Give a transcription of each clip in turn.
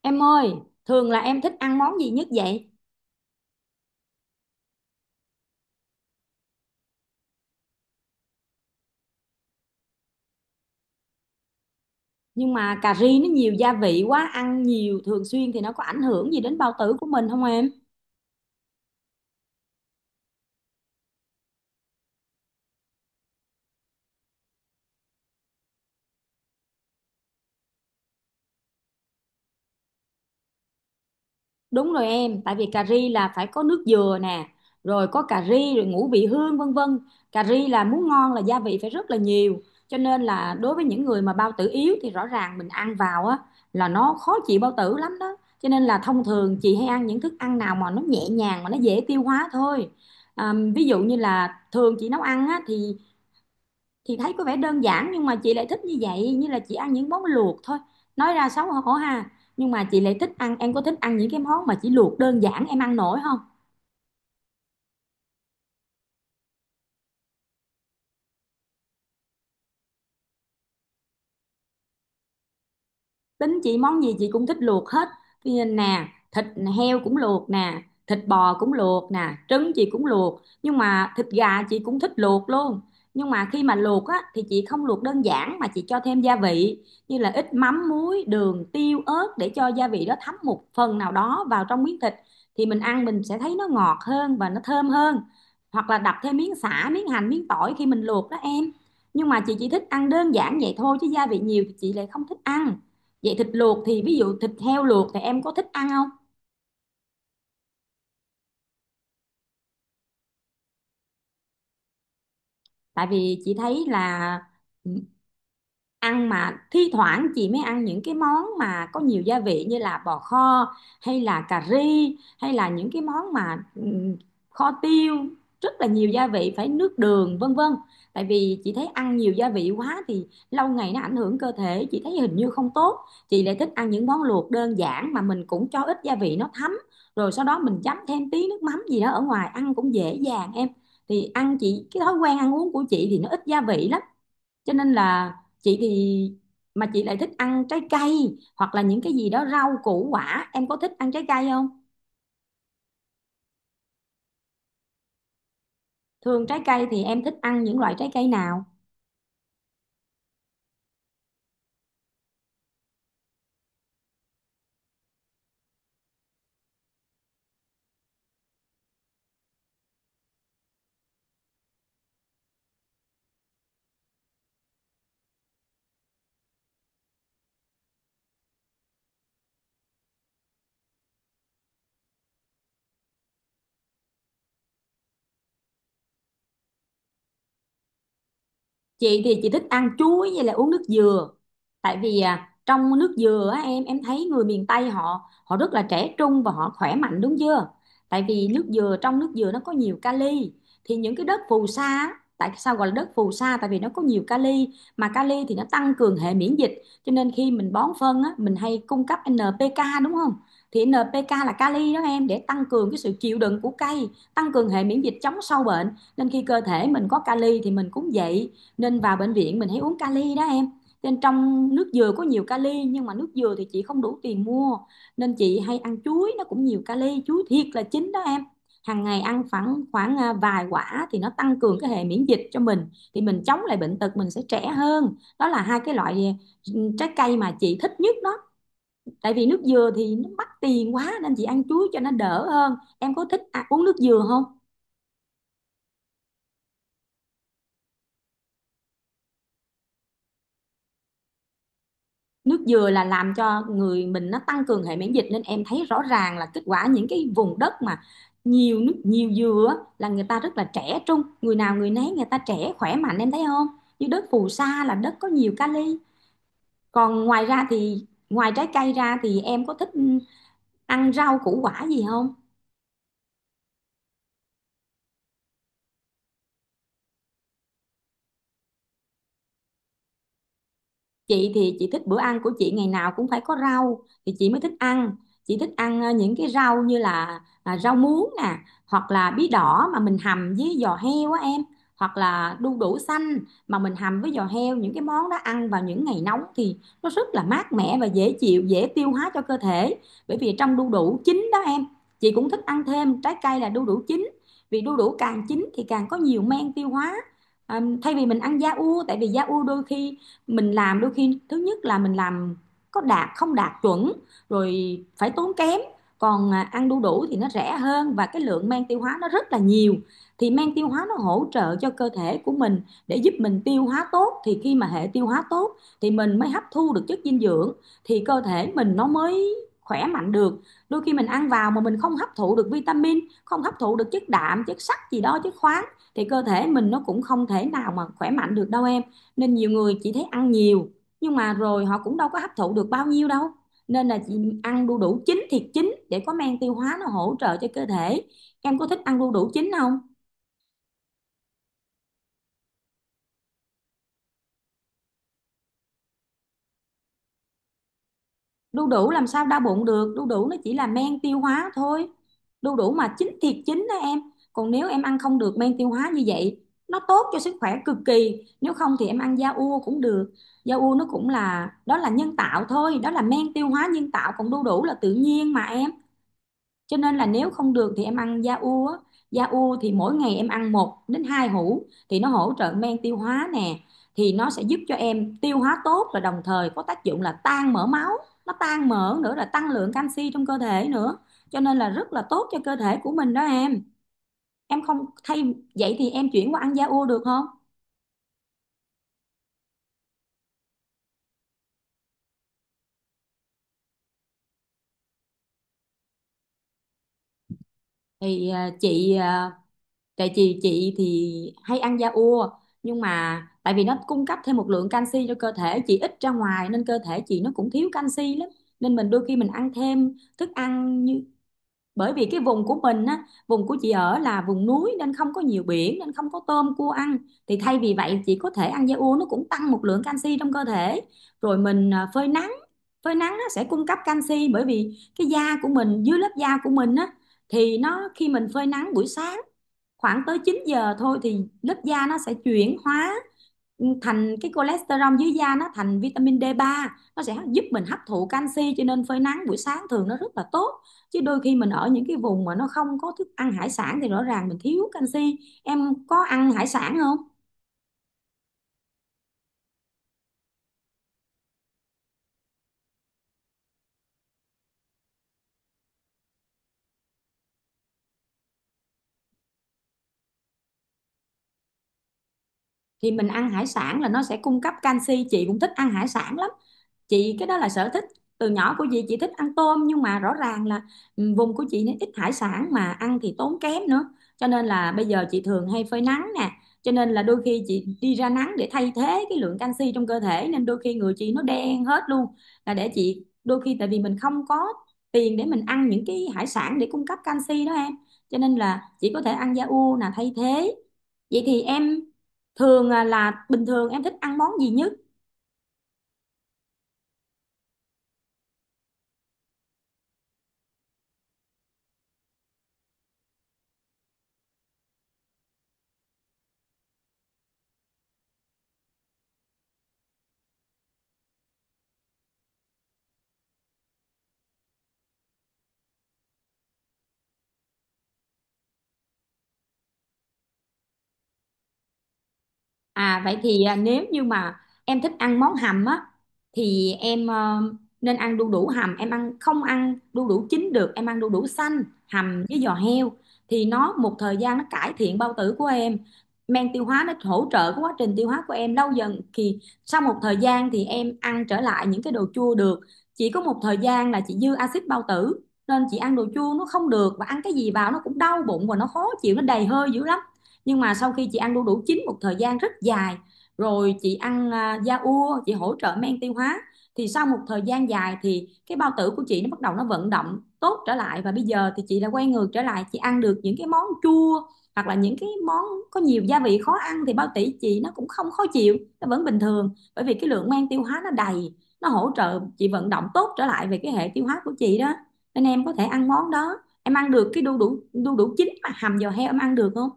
Em ơi, thường là em thích ăn món gì nhất vậy? Nhưng mà cà ri nó nhiều gia vị quá, ăn nhiều thường xuyên thì nó có ảnh hưởng gì đến bao tử của mình không em? Đúng rồi em, tại vì cà ri là phải có nước dừa nè, rồi có cà ri, rồi ngũ vị hương vân vân. Cà ri là muốn ngon là gia vị phải rất là nhiều. Cho nên là đối với những người mà bao tử yếu thì rõ ràng mình ăn vào á là nó khó chịu bao tử lắm đó. Cho nên là thông thường chị hay ăn những thức ăn nào mà nó nhẹ nhàng mà nó dễ tiêu hóa thôi. À, ví dụ như là thường chị nấu ăn á, thì chị thấy có vẻ đơn giản nhưng mà chị lại thích như vậy, như là chị ăn những món luộc thôi, nói ra xấu hổ ha, nhưng mà chị lại thích ăn, em có thích ăn những cái món mà chỉ luộc đơn giản, em ăn nổi không? Tính chị món gì chị cũng thích luộc hết. Ví dụ nè, thịt heo cũng luộc nè, thịt bò cũng luộc nè, trứng chị cũng luộc, nhưng mà thịt gà chị cũng thích luộc luôn. Nhưng mà khi mà luộc á thì chị không luộc đơn giản mà chị cho thêm gia vị như là ít mắm, muối, đường, tiêu, ớt để cho gia vị đó thấm một phần nào đó vào trong miếng thịt, thì mình ăn mình sẽ thấy nó ngọt hơn và nó thơm hơn, hoặc là đập thêm miếng sả, miếng hành, miếng tỏi khi mình luộc đó em. Nhưng mà chị chỉ thích ăn đơn giản vậy thôi, chứ gia vị nhiều thì chị lại không thích ăn. Vậy thịt luộc thì ví dụ thịt heo luộc thì em có thích ăn không? Tại vì chị thấy là ừ, ăn mà thi thoảng chị mới ăn những cái món mà có nhiều gia vị như là bò kho, hay là cà ri, hay là những cái món mà kho tiêu, rất là nhiều gia vị, phải nước đường vân vân. Tại vì chị thấy ăn nhiều gia vị quá thì lâu ngày nó ảnh hưởng cơ thể, chị thấy hình như không tốt. Chị lại thích ăn những món luộc đơn giản mà mình cũng cho ít gia vị nó thấm, rồi sau đó mình chấm thêm tí nước mắm gì đó ở ngoài ăn cũng dễ dàng em. Thì ăn chị, cái thói quen ăn uống của chị thì nó ít gia vị lắm, cho nên là chị thì mà chị lại thích ăn trái cây hoặc là những cái gì đó rau củ quả, em có thích ăn trái cây không? Thường trái cây thì em thích ăn những loại trái cây nào? Chị thì chị thích ăn chuối với lại uống nước dừa. Tại vì à, trong nước dừa á, em thấy người miền Tây họ họ rất là trẻ trung và họ khỏe mạnh đúng chưa? Tại vì nước dừa, trong nước dừa nó có nhiều kali. Thì những cái đất phù sa á, tại sao gọi là đất phù sa? Tại vì nó có nhiều kali, mà kali thì nó tăng cường hệ miễn dịch, cho nên khi mình bón phân á, mình hay cung cấp NPK đúng không? Thì NPK là kali đó em, để tăng cường cái sự chịu đựng của cây, tăng cường hệ miễn dịch, chống sâu bệnh. Nên khi cơ thể mình có kali thì mình cũng vậy, nên vào bệnh viện mình hãy uống kali đó em. Nên trong nước dừa có nhiều kali, nhưng mà nước dừa thì chị không đủ tiền mua, nên chị hay ăn chuối, nó cũng nhiều kali. Chuối thiệt là chín đó em, hàng ngày ăn khoảng khoảng à, vài quả thì nó tăng cường cái hệ miễn dịch cho mình, thì mình chống lại bệnh tật, mình sẽ trẻ hơn. Đó là hai cái loại ừ, trái cây mà chị thích nhất đó. Tại vì nước dừa thì nó mắc tiền quá nên chị ăn chuối cho nó đỡ hơn. Em có thích à, uống nước dừa không? Nước dừa là làm cho người mình nó tăng cường hệ miễn dịch, nên em thấy rõ ràng là kết quả những cái vùng đất mà nhiều nước, nhiều dừa á, là người ta rất là trẻ trung, người nào người nấy người ta trẻ khỏe mạnh, em thấy không? Như đất phù sa là đất có nhiều kali. Còn ngoài ra thì ngoài trái cây ra thì em có thích ăn rau củ quả gì không? Chị thì chị thích bữa ăn của chị ngày nào cũng phải có rau thì chị mới thích ăn. Chị thích ăn những cái rau như là à, rau muống nè, hoặc là bí đỏ mà mình hầm với giò heo á em, hoặc là đu đủ xanh mà mình hầm với giò heo. Những cái món đó ăn vào những ngày nóng thì nó rất là mát mẻ và dễ chịu, dễ tiêu hóa cho cơ thể. Bởi vì trong đu đủ chín đó em, chị cũng thích ăn thêm trái cây là đu đủ chín, vì đu đủ càng chín thì càng có nhiều men tiêu hóa. À, thay vì mình ăn da ua, tại vì da ua đôi khi mình làm, đôi khi thứ nhất là mình làm có đạt không đạt chuẩn, rồi phải tốn kém. Còn à, ăn đu đủ thì nó rẻ hơn và cái lượng men tiêu hóa nó rất là nhiều, thì men tiêu hóa nó hỗ trợ cho cơ thể của mình, để giúp mình tiêu hóa tốt. Thì khi mà hệ tiêu hóa tốt thì mình mới hấp thu được chất dinh dưỡng, thì cơ thể mình nó mới khỏe mạnh được. Đôi khi mình ăn vào mà mình không hấp thụ được vitamin, không hấp thụ được chất đạm, chất sắt gì đó, chất khoáng, thì cơ thể mình nó cũng không thể nào mà khỏe mạnh được đâu em. Nên nhiều người chỉ thấy ăn nhiều, nhưng mà rồi họ cũng đâu có hấp thụ được bao nhiêu đâu. Nên là chị ăn đu đủ chín, thiệt chín, để có men tiêu hóa nó hỗ trợ cho cơ thể. Em có thích ăn đu đủ chín không? Đu đủ làm sao đau bụng được, đu đủ nó chỉ là men tiêu hóa thôi, đu đủ mà chín thiệt chín đó em. Còn nếu em ăn không được men tiêu hóa, như vậy nó tốt cho sức khỏe cực kỳ. Nếu không thì em ăn da ua cũng được. Da ua nó cũng là, đó là nhân tạo thôi, đó là men tiêu hóa nhân tạo, còn đu đủ là tự nhiên mà em. Cho nên là nếu không được thì em ăn da u á. Da u thì mỗi ngày em ăn 1 đến 2 hũ thì nó hỗ trợ men tiêu hóa nè, thì nó sẽ giúp cho em tiêu hóa tốt và đồng thời có tác dụng là tan mỡ máu, nó tan mỡ nữa, là tăng lượng canxi trong cơ thể nữa, cho nên là rất là tốt cho cơ thể của mình đó em. Em không thay vậy thì em chuyển qua ăn da u được không? Thì à, chị à, tại chị thì hay ăn da ua, nhưng mà tại vì nó cung cấp thêm một lượng canxi cho cơ thể chị, ít ra ngoài nên cơ thể chị nó cũng thiếu canxi lắm, nên mình đôi khi mình ăn thêm thức ăn, như bởi vì cái vùng của mình á, vùng của chị ở là vùng núi nên không có nhiều biển nên không có tôm cua ăn, thì thay vì vậy chị có thể ăn da ua, nó cũng tăng một lượng canxi trong cơ thể. Rồi mình à, phơi nắng, phơi nắng nó sẽ cung cấp canxi, bởi vì cái da của mình, dưới lớp da của mình á, thì nó khi mình phơi nắng buổi sáng khoảng tới 9 giờ thôi, thì lớp da nó sẽ chuyển hóa ừ, thành cái cholesterol dưới da, nó thành vitamin D3, nó sẽ giúp mình hấp thụ canxi, cho nên phơi nắng buổi sáng thường nó rất là tốt. Chứ đôi khi mình ở những cái vùng mà nó không có thức ăn hải sản thì rõ ràng mình thiếu canxi. Em có ăn hải sản không? Thì mình ăn hải sản là nó sẽ cung cấp canxi, chị cũng thích ăn hải sản lắm. Chị, cái đó là sở thích từ nhỏ của chị thích ăn tôm, nhưng mà rõ ràng là ừ, vùng của chị nó ít hải sản mà ăn thì tốn kém nữa, cho nên là bây giờ chị thường hay phơi nắng nè, cho Nên là đôi khi chị đi ra nắng để thay thế cái lượng canxi trong cơ thể, nên đôi khi người chị nó đen hết luôn, là để chị. Đôi khi tại vì mình không có tiền để mình ăn những cái hải sản để cung cấp canxi đó em, cho nên là chị có thể ăn da u là thay thế. Vậy thì em thường là bình thường em thích ăn món gì nhất? À, vậy thì nếu như mà em thích ăn món hầm á, thì em nên ăn đu đủ hầm. Em ăn không, ăn đu đủ chín được, em ăn đu đủ xanh hầm với giò heo thì nó một thời gian nó cải thiện bao tử của em, men tiêu hóa nó hỗ trợ cái quá trình tiêu hóa của em, lâu dần thì sau một thời gian thì em ăn trở lại những cái đồ chua được. Chỉ có một thời gian là chị dư axit bao tử nên chị ăn đồ chua nó không được, và ăn cái gì vào nó cũng đau bụng và nó khó chịu, nó đầy hơi dữ lắm. Nhưng mà sau khi chị ăn đu đủ chín một thời gian rất dài, rồi chị ăn da ua, chị hỗ trợ men tiêu hóa thì sau một thời gian dài thì cái bao tử của chị nó bắt đầu nó vận động tốt trở lại, và bây giờ thì chị đã quay ngược trở lại, chị ăn được những cái món chua hoặc là những cái món có nhiều gia vị khó ăn, thì bao tử chị nó cũng không khó chịu, nó vẫn bình thường, bởi vì cái lượng men tiêu hóa nó đầy, nó hỗ trợ chị vận động tốt trở lại về cái hệ tiêu hóa của chị đó. Nên em có thể ăn món đó. Em ăn được cái đu đủ, đu đủ chín mà hầm giò heo, em ăn được không?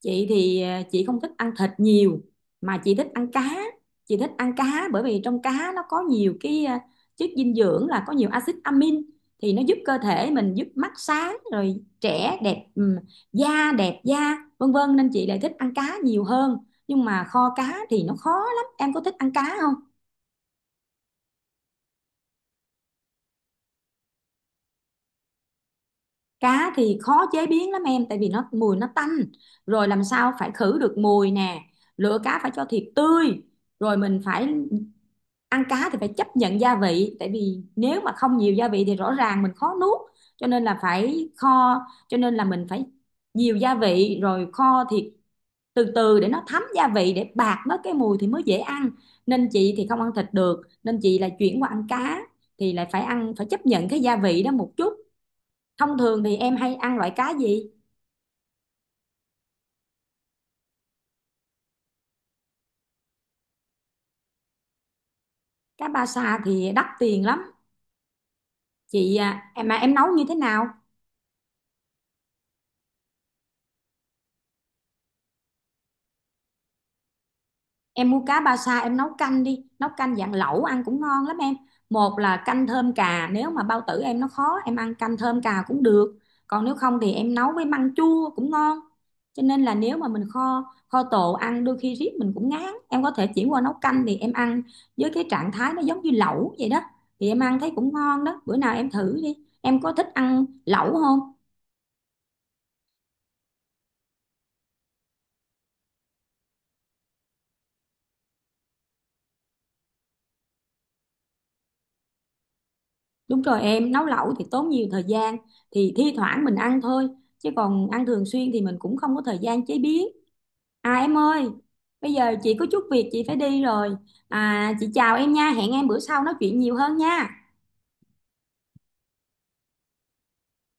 Chị thì chị không thích ăn thịt nhiều, mà chị thích ăn cá. Chị thích ăn cá bởi vì trong cá nó có nhiều cái chất dinh dưỡng, là có nhiều axit amin thì nó giúp cơ thể mình, giúp mắt sáng rồi trẻ đẹp, da đẹp da, vân vân, nên chị lại thích ăn cá nhiều hơn. Nhưng mà kho cá thì nó khó lắm, em có thích ăn cá không? Cá thì khó chế biến lắm em, tại vì nó mùi, nó tanh, rồi làm sao phải khử được mùi nè, lựa cá phải cho thiệt tươi, rồi mình phải ăn cá thì phải chấp nhận gia vị, tại vì nếu mà không nhiều gia vị thì rõ ràng mình khó nuốt, cho nên là phải kho. Cho nên là mình phải nhiều gia vị rồi kho thịt từ từ để nó thấm gia vị, để bạc mất cái mùi thì mới dễ ăn. Nên chị thì không ăn thịt được nên chị là chuyển qua ăn cá, thì lại phải ăn, phải chấp nhận cái gia vị đó một chút. Thông thường thì em hay ăn loại cá gì? Cá ba sa thì đắt tiền lắm. Chị em mà em nấu như thế nào? Em mua cá ba sa em nấu canh đi, nấu canh dạng lẩu ăn cũng ngon lắm em. Một là canh thơm cà, nếu mà bao tử em nó khó, em ăn canh thơm cà cũng được, còn nếu không thì em nấu với măng chua cũng ngon. Cho nên là nếu mà mình kho, kho tộ ăn đôi khi riết mình cũng ngán, em có thể chuyển qua nấu canh thì em ăn với cái trạng thái nó giống như lẩu vậy đó, thì em ăn thấy cũng ngon đó. Bữa nào em thử đi, em có thích ăn lẩu không? Đúng rồi em, nấu lẩu thì tốn nhiều thời gian, thì thi thoảng mình ăn thôi, chứ còn ăn thường xuyên thì mình cũng không có thời gian chế biến. À em ơi, bây giờ chị có chút việc chị phải đi rồi. À chị chào em nha, hẹn em bữa sau nói chuyện nhiều hơn nha.